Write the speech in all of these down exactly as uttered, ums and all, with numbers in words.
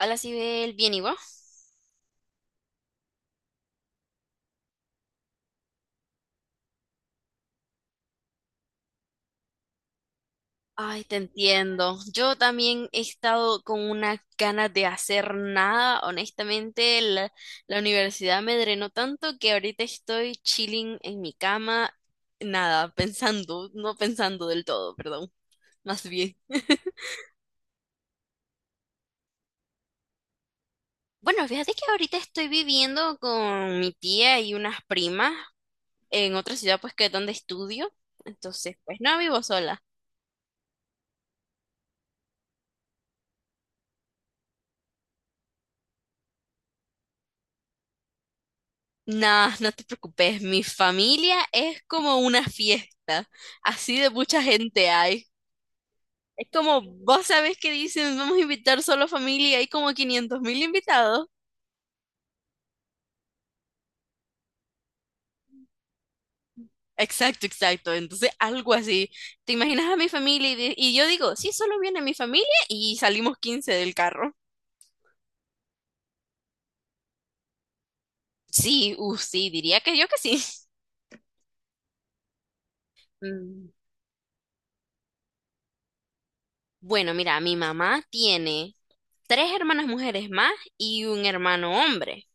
Hola, Sibel, bien, ¿y vos? Ay, te entiendo. Yo también he estado con unas ganas de hacer nada. Honestamente, la, la universidad me drenó tanto que ahorita estoy chilling en mi cama, nada, pensando, no pensando del todo, perdón, más bien. Bueno, fíjate que ahorita estoy viviendo con mi tía y unas primas en otra ciudad, pues que es donde estudio. Entonces, pues no vivo sola. Nah, no te preocupes, mi familia es como una fiesta, así de mucha gente hay. Es como, vos sabés que dicen, vamos a invitar solo familia, hay como quinientos mil invitados. Exacto, exacto, entonces algo así. ¿Te imaginas a mi familia? Y, de- y yo digo, sí, solo viene mi familia y salimos quince del carro. Sí, uh, sí, diría que yo que sí. Mm, Bueno, mira, mi mamá tiene tres hermanas mujeres más y un hermano hombre.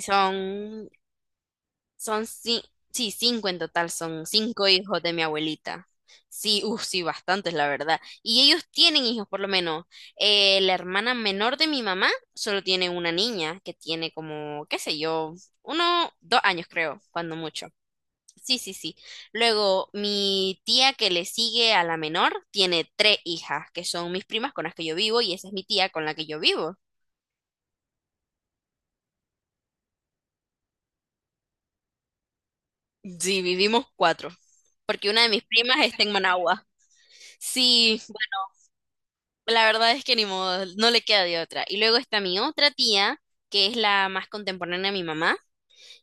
Son Son ci- sí, cinco en total, son cinco hijos de mi abuelita. Sí, uff, sí, bastantes, la verdad. Y ellos tienen hijos, por lo menos. Eh, la hermana menor de mi mamá solo tiene una niña que tiene como, qué sé yo, uno, dos años creo, cuando mucho. Sí, sí, sí. Luego, mi tía que le sigue a la menor tiene tres hijas, que son mis primas con las que yo vivo y esa es mi tía con la que yo vivo. Sí, vivimos cuatro, porque una de mis primas está en Managua. Sí, la verdad es que ni modo, no le queda de otra. Y luego está mi otra tía, que es la más contemporánea de mi mamá,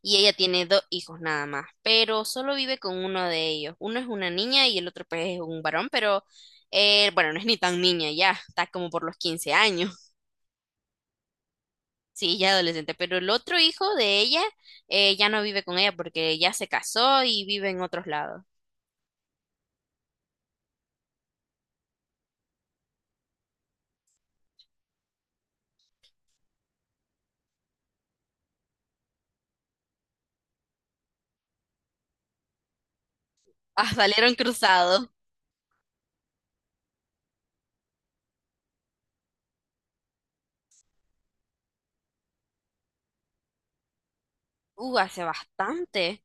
y ella tiene dos hijos nada más, pero solo vive con uno de ellos. Uno es una niña y el otro pues es un varón, pero eh, bueno, no es ni tan niña ya, está como por los quince años. Sí, ya adolescente, pero el otro hijo de ella eh, ya no vive con ella porque ya se casó y vive en otros lados. Ah, salieron cruzados. Uh, hace bastante.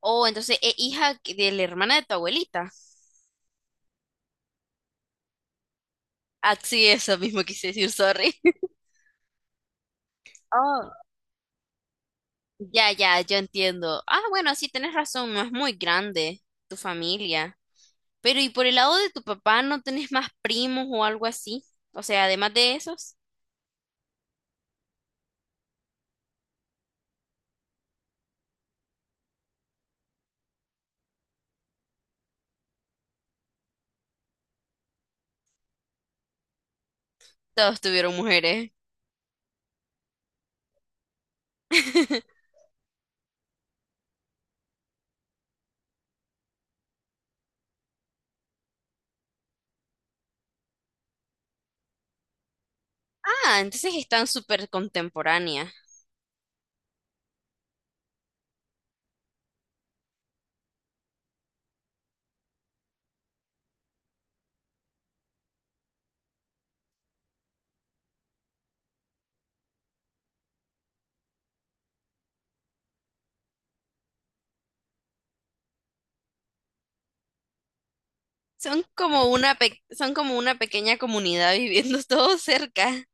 Oh, entonces es hija que- de la hermana de tu abuelita. Ah, sí, eso mismo quise decir, sorry. Oh, ya, ya, yo entiendo. Ah, bueno, sí, tenés razón, no es muy grande tu familia. Pero, ¿y por el lado de tu papá no tenés más primos o algo así? O sea, además de esos, todos tuvieron mujeres. Ah, entonces están súper contemporáneas. Son como una pe- son como una pequeña comunidad viviendo todos cerca.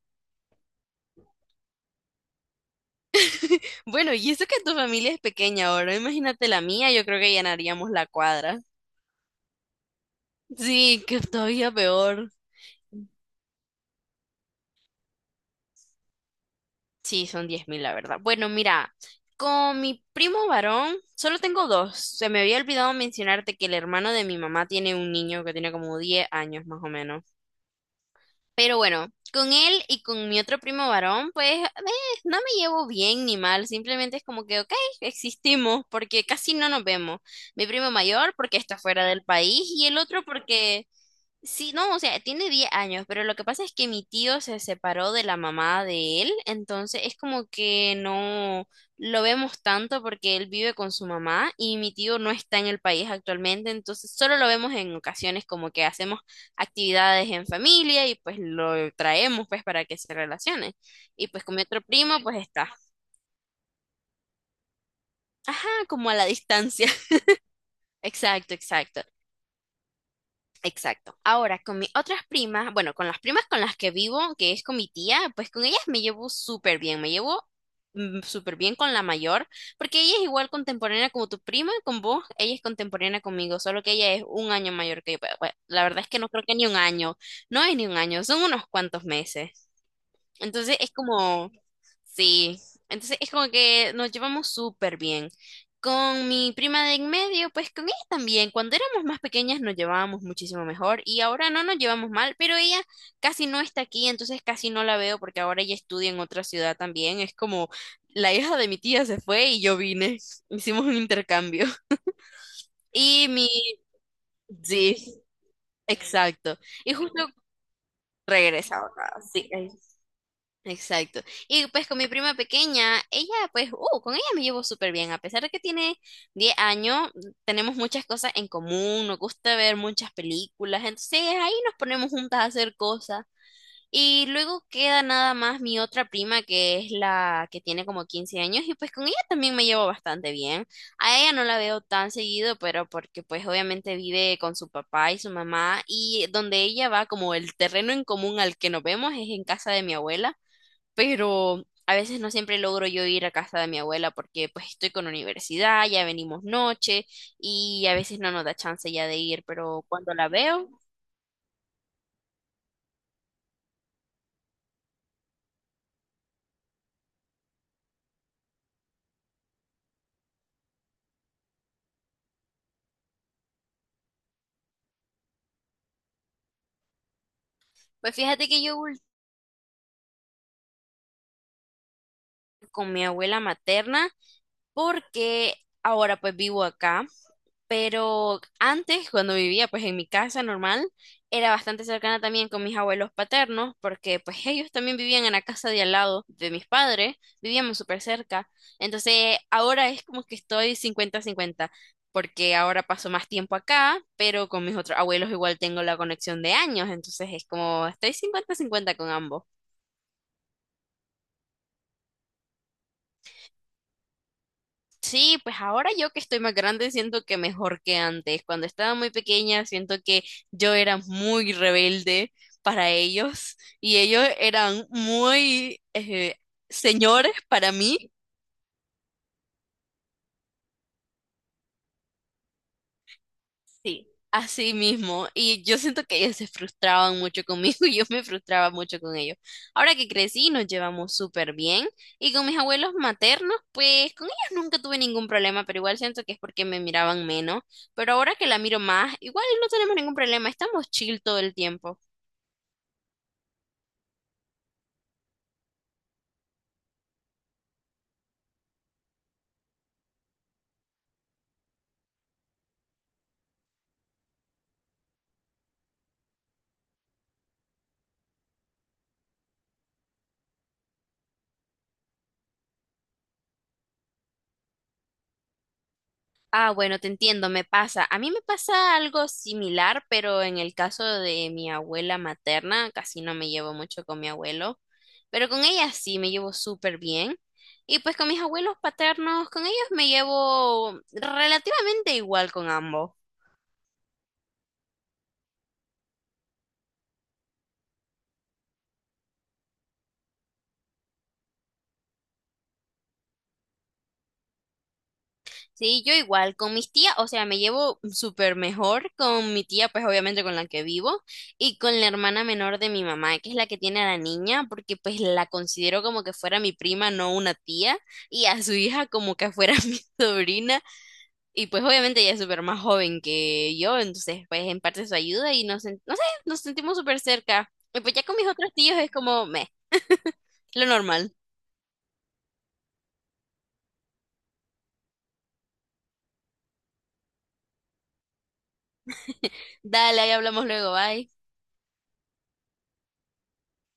Bueno, y eso que tu familia es pequeña ahora, imagínate la mía, yo creo que llenaríamos la cuadra. Sí, que todavía peor. Sí, son diez mil la verdad. Bueno, mira, con mi primo varón solo tengo dos. Se me había olvidado mencionarte que el hermano de mi mamá tiene un niño que tiene como diez años más o menos. Pero bueno, con él y con mi otro primo varón, pues eh, no me llevo bien ni mal, simplemente es como que, ok, existimos porque casi no nos vemos. Mi primo mayor porque está fuera del país y el otro porque, sí, no, o sea, tiene diez años, pero lo que pasa es que mi tío se separó de la mamá de él, entonces es como que no lo vemos tanto porque él vive con su mamá y mi tío no está en el país actualmente, entonces solo lo vemos en ocasiones como que hacemos actividades en familia y pues lo traemos pues para que se relacione. Y pues con mi otro primo pues está, ajá, como a la distancia. Exacto, exacto. Exacto. Ahora, con mis otras primas, bueno, con las primas con las que vivo, que es con mi tía, pues con ellas me llevo súper bien, me llevo mm, súper bien con la mayor, porque ella es igual contemporánea como tu prima, con vos, ella es contemporánea conmigo, solo que ella es un año mayor que yo. Pero, bueno, la verdad es que no creo que ni un año, no es ni un año, son unos cuantos meses. Entonces es como, sí, entonces es como que nos llevamos súper bien. Con mi prima de en medio, pues con ella también. Cuando éramos más pequeñas nos llevábamos muchísimo mejor y ahora no nos llevamos mal, pero ella casi no está aquí, entonces casi no la veo porque ahora ella estudia en otra ciudad también. Es como la hija de mi tía se fue y yo vine. Hicimos un intercambio. Y mi... sí, exacto. Y justo regresa ahora, sí. Exacto. Y pues con mi prima pequeña, ella pues, uh, con ella me llevo súper bien. A pesar de que tiene diez años, tenemos muchas cosas en común, nos gusta ver muchas películas, entonces ahí nos ponemos juntas a hacer cosas. Y luego queda nada más mi otra prima, que es la que tiene como quince años, y pues con ella también me llevo bastante bien. A ella no la veo tan seguido, pero porque pues obviamente vive con su papá y su mamá, y donde ella va, como el terreno en común al que nos vemos es en casa de mi abuela, pero a veces no siempre logro yo ir a casa de mi abuela porque pues estoy con universidad, ya venimos noche y a veces no nos da chance ya de ir, pero cuando la veo, pues fíjate que yo voy con mi abuela materna porque ahora pues vivo acá. Pero antes, cuando vivía pues en mi casa normal, era bastante cercana también con mis abuelos paternos, porque pues ellos también vivían en la casa de al lado de mis padres, vivíamos súper cerca. Entonces ahora es como que estoy cincuenta-cincuenta porque ahora paso más tiempo acá, pero con mis otros abuelos igual tengo la conexión de años, entonces es como estoy cincuenta-cincuenta con ambos. Sí, pues ahora yo que estoy más grande siento que mejor que antes. Cuando estaba muy pequeña siento que yo era muy rebelde para ellos y ellos eran muy eh, señores para mí. Sí, así mismo. Y yo siento que ellos se frustraban mucho conmigo y yo me frustraba mucho con ellos. Ahora que crecí, nos llevamos súper bien. Y con mis abuelos maternos, pues con ellos nunca tuve ningún problema, pero igual siento que es porque me miraban menos. Pero ahora que la miro más, igual no tenemos ningún problema, estamos chill todo el tiempo. Ah, bueno, te entiendo, me pasa. A mí me pasa algo similar, pero en el caso de mi abuela materna, casi no me llevo mucho con mi abuelo, pero con ella sí me llevo súper bien. Y pues con mis abuelos paternos, con ellos me llevo relativamente igual con ambos. Sí, yo igual, con mis tías, o sea, me llevo súper mejor con mi tía, pues obviamente con la que vivo, y con la hermana menor de mi mamá, que es la que tiene a la niña, porque pues la considero como que fuera mi prima, no una tía, y a su hija como que fuera mi sobrina, y pues obviamente ella es súper más joven que yo, entonces pues en parte su ayuda y nos, sen- no sé, nos sentimos súper cerca. Y pues ya con mis otros tíos es como, meh, lo normal. Dale, ahí hablamos luego, bye.